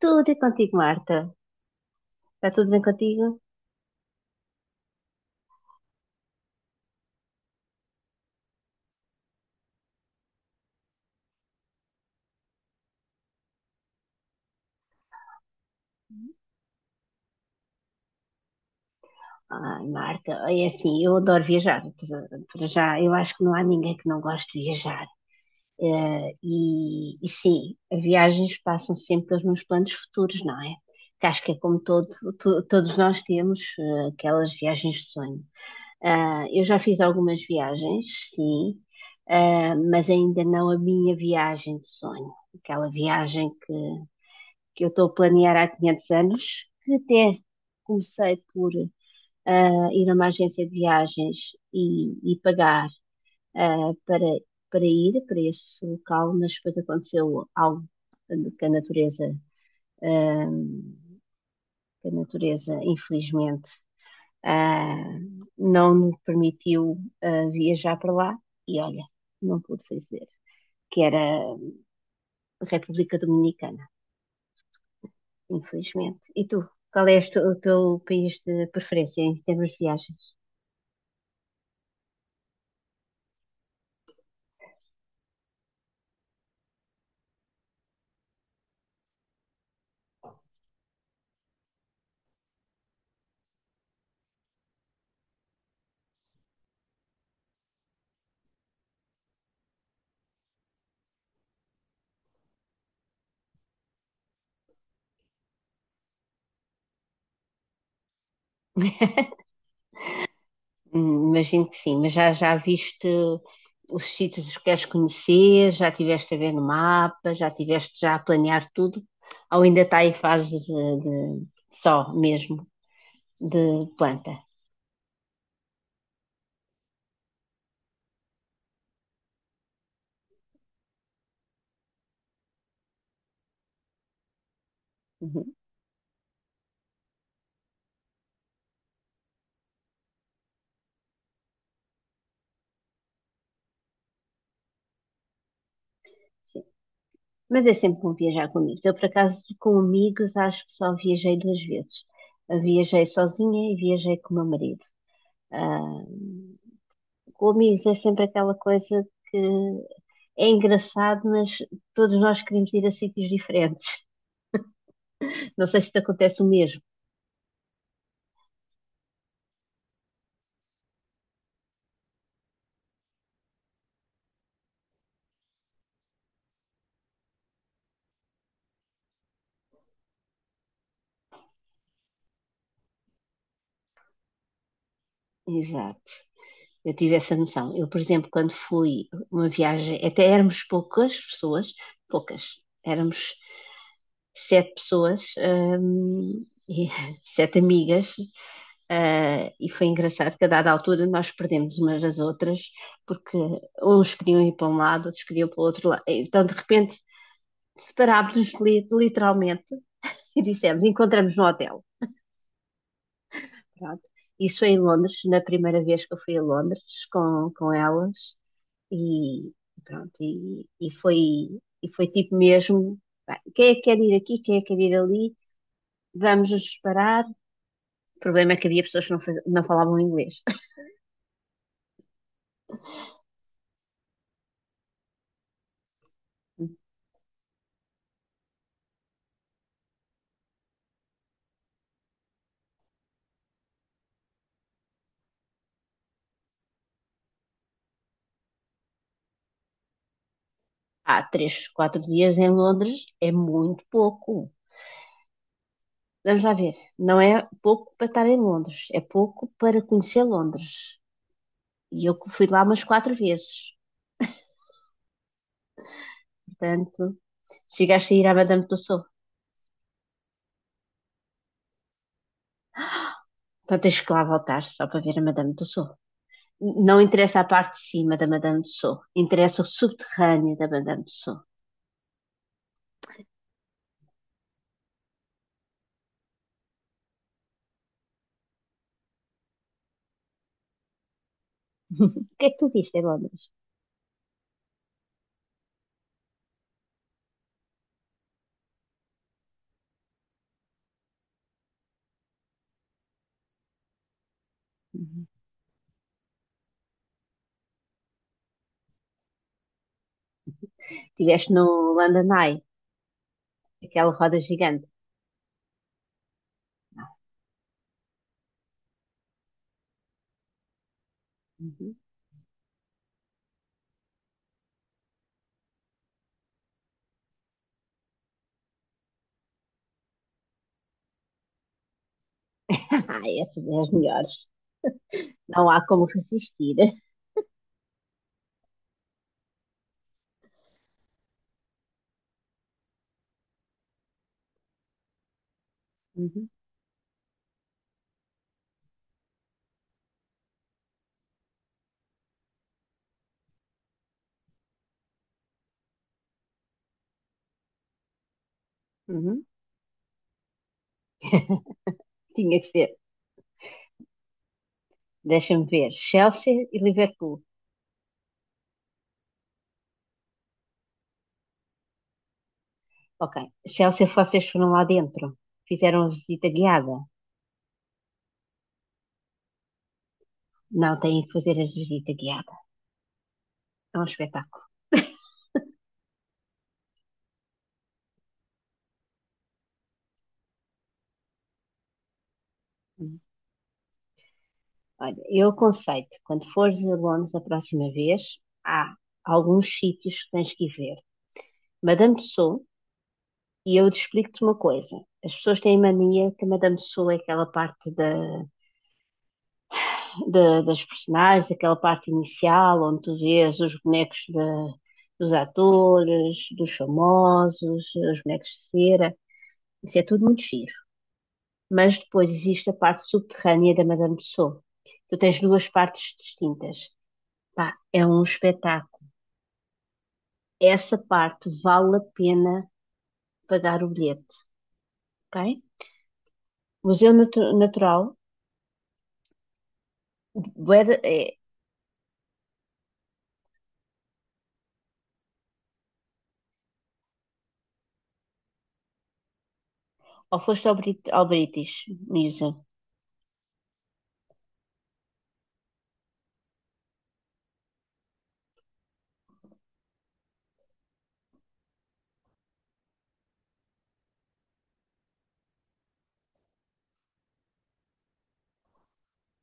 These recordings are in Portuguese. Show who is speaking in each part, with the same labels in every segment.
Speaker 1: Tudo é contigo, Marta. Está tudo bem contigo? Ai, Marta, é assim, eu adoro viajar. Para já, eu acho que não há ninguém que não goste de viajar. E sim, viagens passam sempre pelos meus planos futuros, não é? Que acho que é como todo, todos nós temos aquelas viagens de sonho. Ah, eu já fiz algumas viagens, sim, ah, mas ainda não a minha viagem de sonho. Aquela viagem que eu estou a planear há 500 anos, que até comecei por ah, ir a uma agência de viagens e pagar ah, para, para ir para esse local, mas depois aconteceu algo que a natureza, ah, que a natureza infelizmente, ah, não me permitiu ah, viajar para lá e olha, não pude fazer, que era a República Dominicana. Infelizmente. E tu? Qual é o teu país de preferência em termos de viagens? Imagino que sim, mas já, já viste os sítios que queres conhecer, já tiveste a ver no mapa, já tiveste já a planear tudo, ou ainda está em fase de, de- só mesmo de planta? Uhum. Sim. Mas é sempre bom viajar com amigos. Eu, por acaso, com amigos, acho que só viajei duas vezes. Eu viajei sozinha e viajei com o meu marido. Ah, com amigos é sempre aquela coisa que é engraçado, mas todos nós queremos ir a sítios diferentes. Não sei se te acontece o mesmo. Exato. Eu tive essa noção. Eu, por exemplo, quando fui uma viagem, até éramos poucas pessoas, poucas, éramos sete pessoas, e sete amigas, e foi engraçado que a dada altura nós perdemos umas às outras, porque uns queriam ir para um lado, outros queriam para o outro lado. Então, de repente, separámos-nos literalmente e dissemos: encontramos no hotel. Pronto. Isso foi em Londres, na primeira vez que eu fui a Londres com elas. E pronto, e foi tipo mesmo, pá, quem é que quer ir aqui, quem é que quer ir ali, vamos nos separar. O problema é que havia pessoas que não, não falavam inglês. Há três, quatro dias em Londres é muito pouco. Vamos lá ver, não é pouco para estar em Londres, é pouco para conhecer Londres. E eu fui lá umas quatro vezes, portanto. Chegaste a ir à Madame Tussauds. Então tens que lá voltar só para ver a Madame Tussauds. Não interessa a parte de cima da Madame Tussauds, interessa o subterrâneo da Madame Tussauds. O que é que tu viste em Londres? Uhum. Estiveste no London Eye, aquela roda gigante. Uhum. Ai, essas é as melhores. Não há como resistir. Uhum, uhum. Tinha que ser. Deixa-me ver. Chelsea e Liverpool. Ok. Chelsea, vocês foram lá dentro. Fizeram a visita guiada. Não, têm que fazer a visita guiada. É um espetáculo. Olha, eu aconselho quando fores a Londres a próxima vez, há alguns sítios que tens que ir ver. Madame Tussauds, e eu te explico-te uma coisa. As pessoas têm mania que a Madame Tussauds é aquela parte da, das personagens, aquela parte inicial, onde tu vês os bonecos dos atores, dos famosos, os bonecos de cera. Isso é tudo muito giro. Mas depois existe a parte subterrânea da Madame Tussauds. Tu tens duas partes distintas. Pá, é um espetáculo. Essa parte vale a pena pagar o bilhete, ok? Museu Natural, Bué- é, ou foste ao, Brit ao British Museum,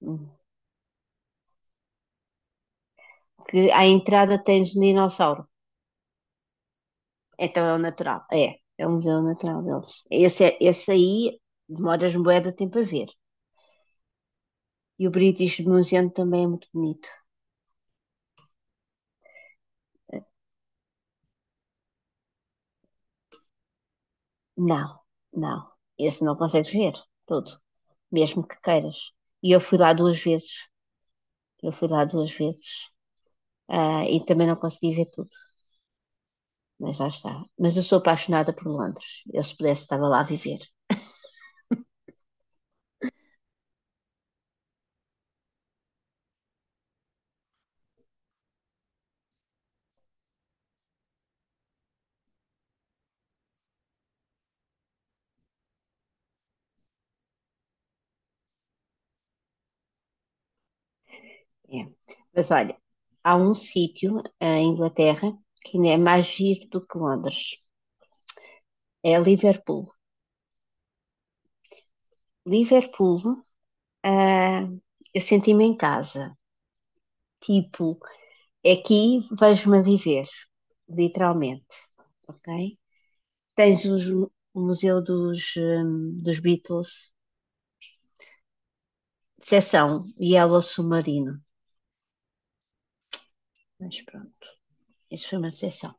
Speaker 1: hum, que à entrada tens um dinossauro. Então é o natural. É, é o museu natural deles. Esse, esse aí demoras bué de tempo a ver. E o British Museum também é muito bonito. Não, não. Esse não consegues ver todo, mesmo que queiras. E eu fui lá duas vezes. Eu fui lá duas vezes. Ah, e também não consegui ver tudo, mas lá está. Mas eu sou apaixonada por Londres. Eu, se pudesse, estava lá a viver. É. Mas olha, há um sítio ah, em Inglaterra que ainda é mais giro do que Londres. É Liverpool. Liverpool, ah, eu senti-me em casa. Tipo, aqui vejo-me a viver, literalmente. Ok? Tens o Museu dos, dos Beatles, seção Yellow Submarino. Mas pronto, isso foi uma seção.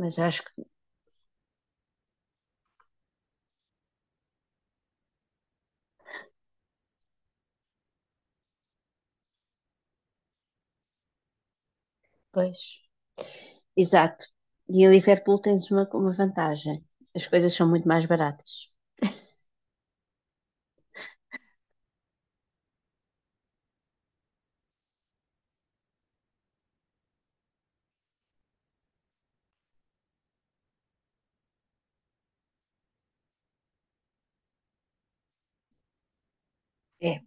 Speaker 1: Mas acho que depois. Exato. E a Liverpool tens uma vantagem. As coisas são muito mais baratas. É,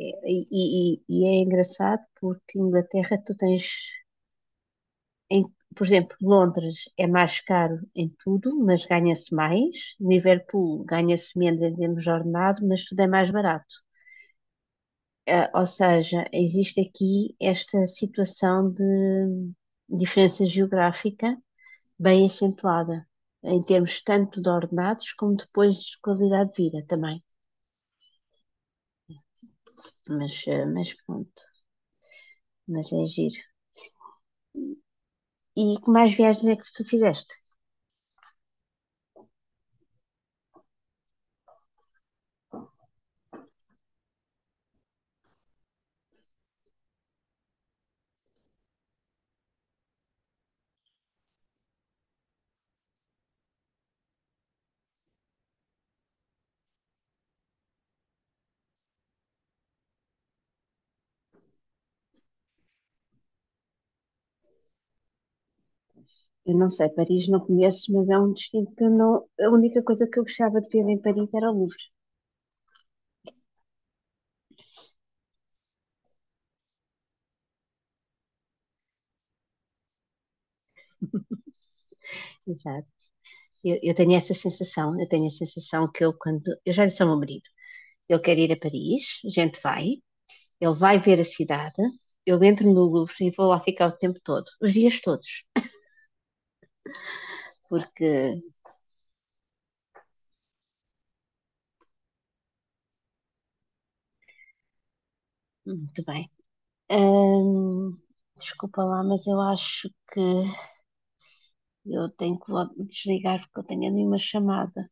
Speaker 1: e é engraçado porque em Inglaterra tu tens, em- por exemplo, Londres é mais caro em tudo, mas ganha-se mais. Liverpool ganha-se menos em termos de ordenado, mas tudo é mais barato. Ou seja, existe aqui esta situação de diferença geográfica bem acentuada, em termos tanto de ordenados como depois de qualidade de vida também. Mas pronto, mas é giro. E que mais viagens é que tu fizeste? Eu não sei, Paris não conheço, mas é um destino que eu não. A única coisa que eu gostava de ver em Paris era o Louvre. Exato. Eu tenho essa sensação, eu tenho a sensação que eu, quando. Eu já disse ao meu marido, ele quer ir a Paris, a gente vai, ele vai ver a cidade, eu entro no Louvre e vou lá ficar o tempo todo, os dias todos, porque, muito bem, Ahm, desculpa lá, mas eu acho que eu tenho que desligar porque eu tenho ali uma chamada.